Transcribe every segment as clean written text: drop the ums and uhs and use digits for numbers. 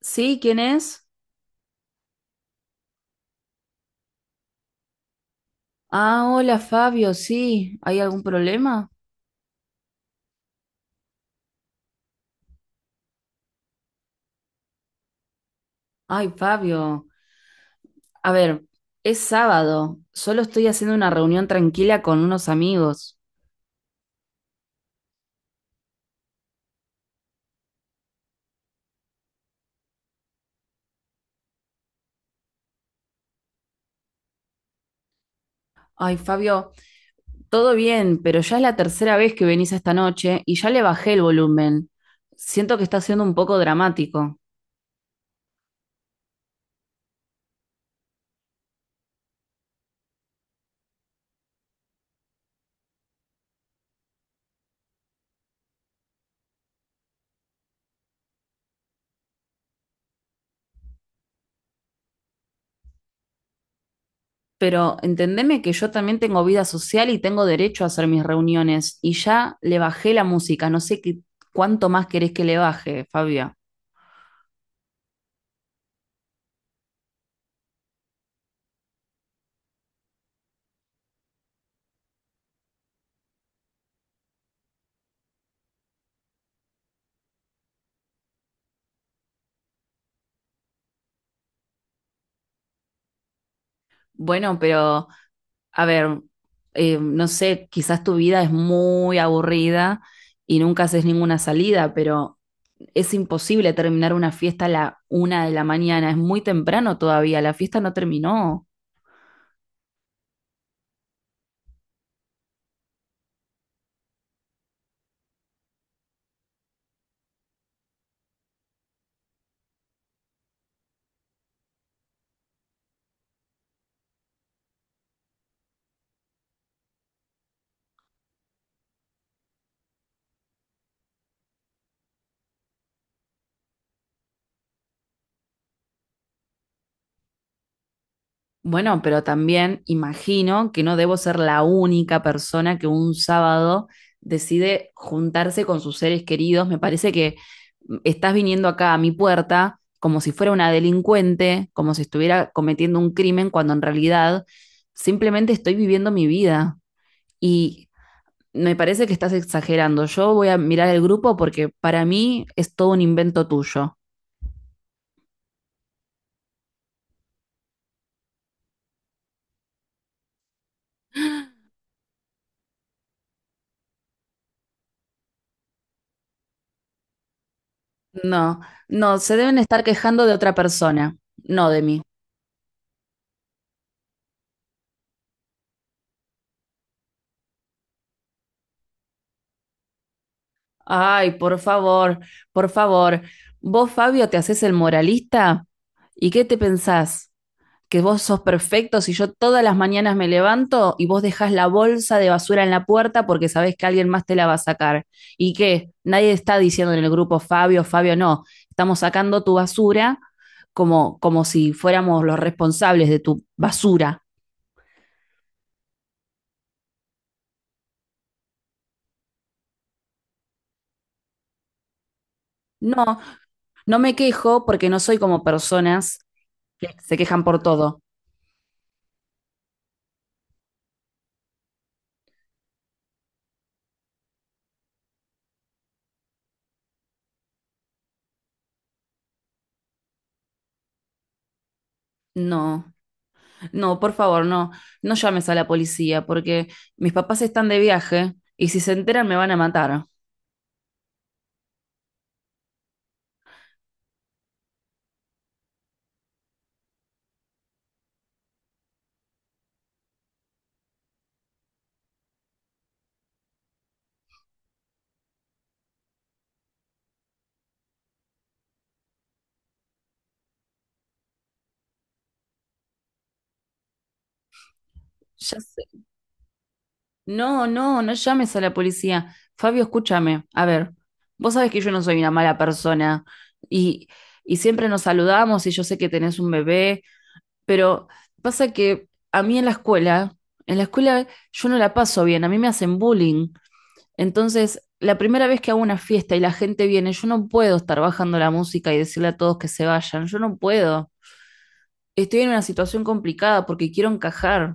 Sí, ¿quién es? Ah, hola Fabio, sí. ¿Hay algún problema? Ay, Fabio. A ver, es sábado. Solo estoy haciendo una reunión tranquila con unos amigos. Ay, Fabio, todo bien, pero ya es la tercera vez que venís esta noche y ya le bajé el volumen. Siento que está siendo un poco dramático. Pero entendeme que yo también tengo vida social y tengo derecho a hacer mis reuniones. Y ya le bajé la música. No sé qué, cuánto más querés que le baje, Fabio. Bueno, pero... a ver, no sé, quizás tu vida es muy aburrida y nunca haces ninguna salida, pero es imposible terminar una fiesta a la una de la mañana, es muy temprano todavía, la fiesta no terminó. Bueno, pero también imagino que no debo ser la única persona que un sábado decide juntarse con sus seres queridos. Me parece que estás viniendo acá a mi puerta como si fuera una delincuente, como si estuviera cometiendo un crimen, cuando en realidad simplemente estoy viviendo mi vida. Y me parece que estás exagerando. Yo voy a mirar el grupo porque para mí es todo un invento tuyo. No, no, se deben estar quejando de otra persona, no de mí. Ay, por favor, por favor. Vos, Fabio, te haces el moralista. ¿Y qué te pensás? ¿Que vos sos perfecto si yo todas las mañanas me levanto y vos dejás la bolsa de basura en la puerta porque sabés que alguien más te la va a sacar? ¿Y qué? Nadie está diciendo en el grupo Fabio, Fabio, no. Estamos sacando tu basura como si fuéramos los responsables de tu basura. No, no me quejo porque no soy como personas que se quejan por todo. No. No, por favor, no, no llames a la policía porque mis papás están de viaje y si se enteran me van a matar. Ya sé. No, no, no llames a la policía. Fabio, escúchame. A ver, vos sabés que yo no soy una mala persona y, y siempre nos saludamos y yo sé que tenés un bebé, pero pasa que a mí en la escuela yo no la paso bien, a mí me hacen bullying. Entonces, la primera vez que hago una fiesta y la gente viene, yo no puedo estar bajando la música y decirle a todos que se vayan, yo no puedo. Estoy en una situación complicada porque quiero encajar.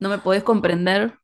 ¿No me podés comprender?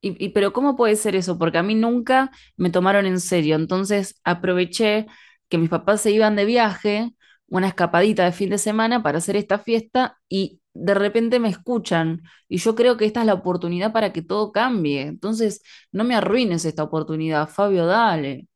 Pero ¿cómo puede ser eso? Porque a mí nunca me tomaron en serio. Entonces aproveché que mis papás se iban de viaje, una escapadita de fin de semana para hacer esta fiesta y de repente me escuchan. Y yo creo que esta es la oportunidad para que todo cambie. Entonces no me arruines esta oportunidad, Fabio, dale.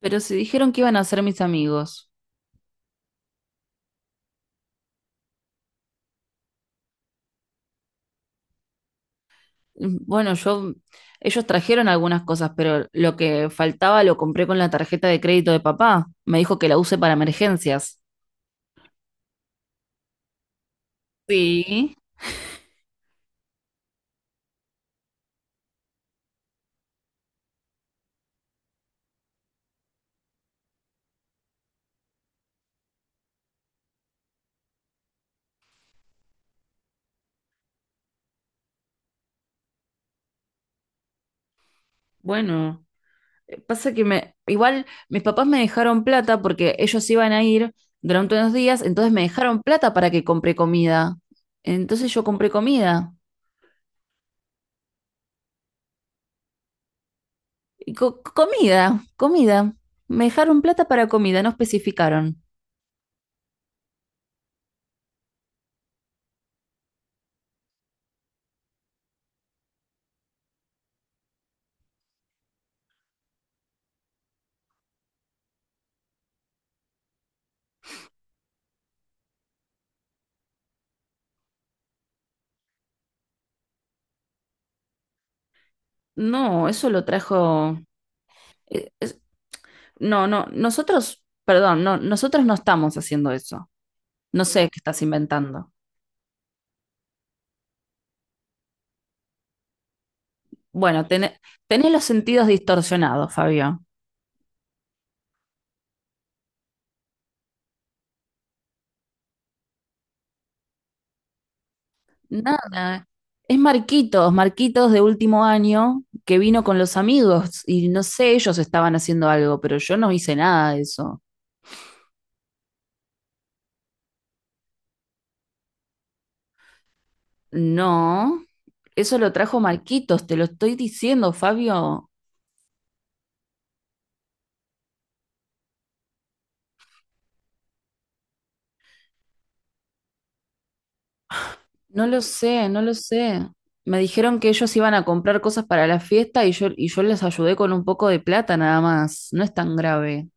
Pero si dijeron que iban a ser mis amigos. Bueno, ellos trajeron algunas cosas, pero lo que faltaba lo compré con la tarjeta de crédito de papá. Me dijo que la use para emergencias. Sí, bueno, pasa igual mis papás me dejaron plata porque ellos iban a ir durante unos días, entonces me dejaron plata para que compre comida. Entonces yo compré comida. Comida, comida. Me dejaron plata para comida, no especificaron. No, eso lo trajo. eh, es- no, no, nosotros, perdón, no, nosotros no estamos haciendo eso. No sé qué estás inventando. Bueno, tené- tenés los sentidos distorsionados, Fabio. Nada. Es Marquitos, Marquitos de último año, que vino con los amigos y no sé, ellos estaban haciendo algo, pero yo no hice nada de eso. No, eso lo trajo Marquitos, te lo estoy diciendo, Fabio. No lo sé, no lo sé. Me dijeron que ellos iban a comprar cosas para la fiesta y yo les ayudé con un poco de plata nada más. No es tan grave.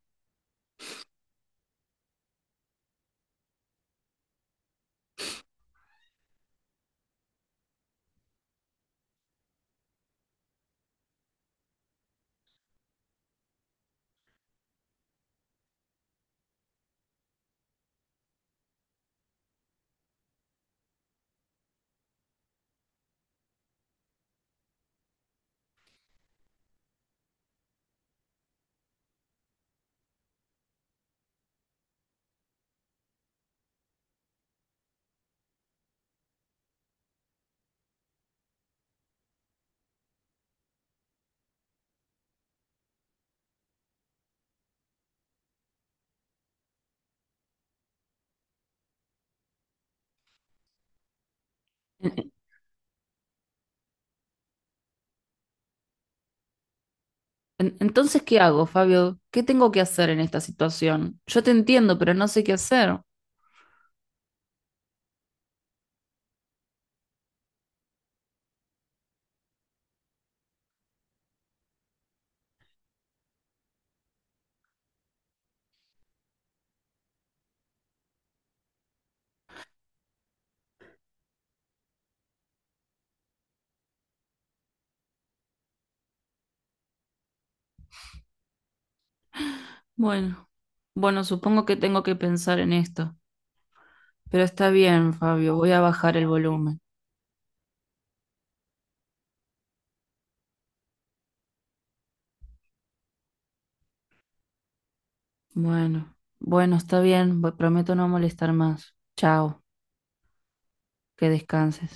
En- Entonces, ¿qué hago, Fabio? ¿Qué tengo que hacer en esta situación? Yo te entiendo, pero no sé qué hacer. Bueno, bueno, supongo que tengo que pensar en esto, pero está bien, Fabio, voy a bajar el volumen. Bueno, bueno, está bien, prometo no molestar más. Chao, que descanses.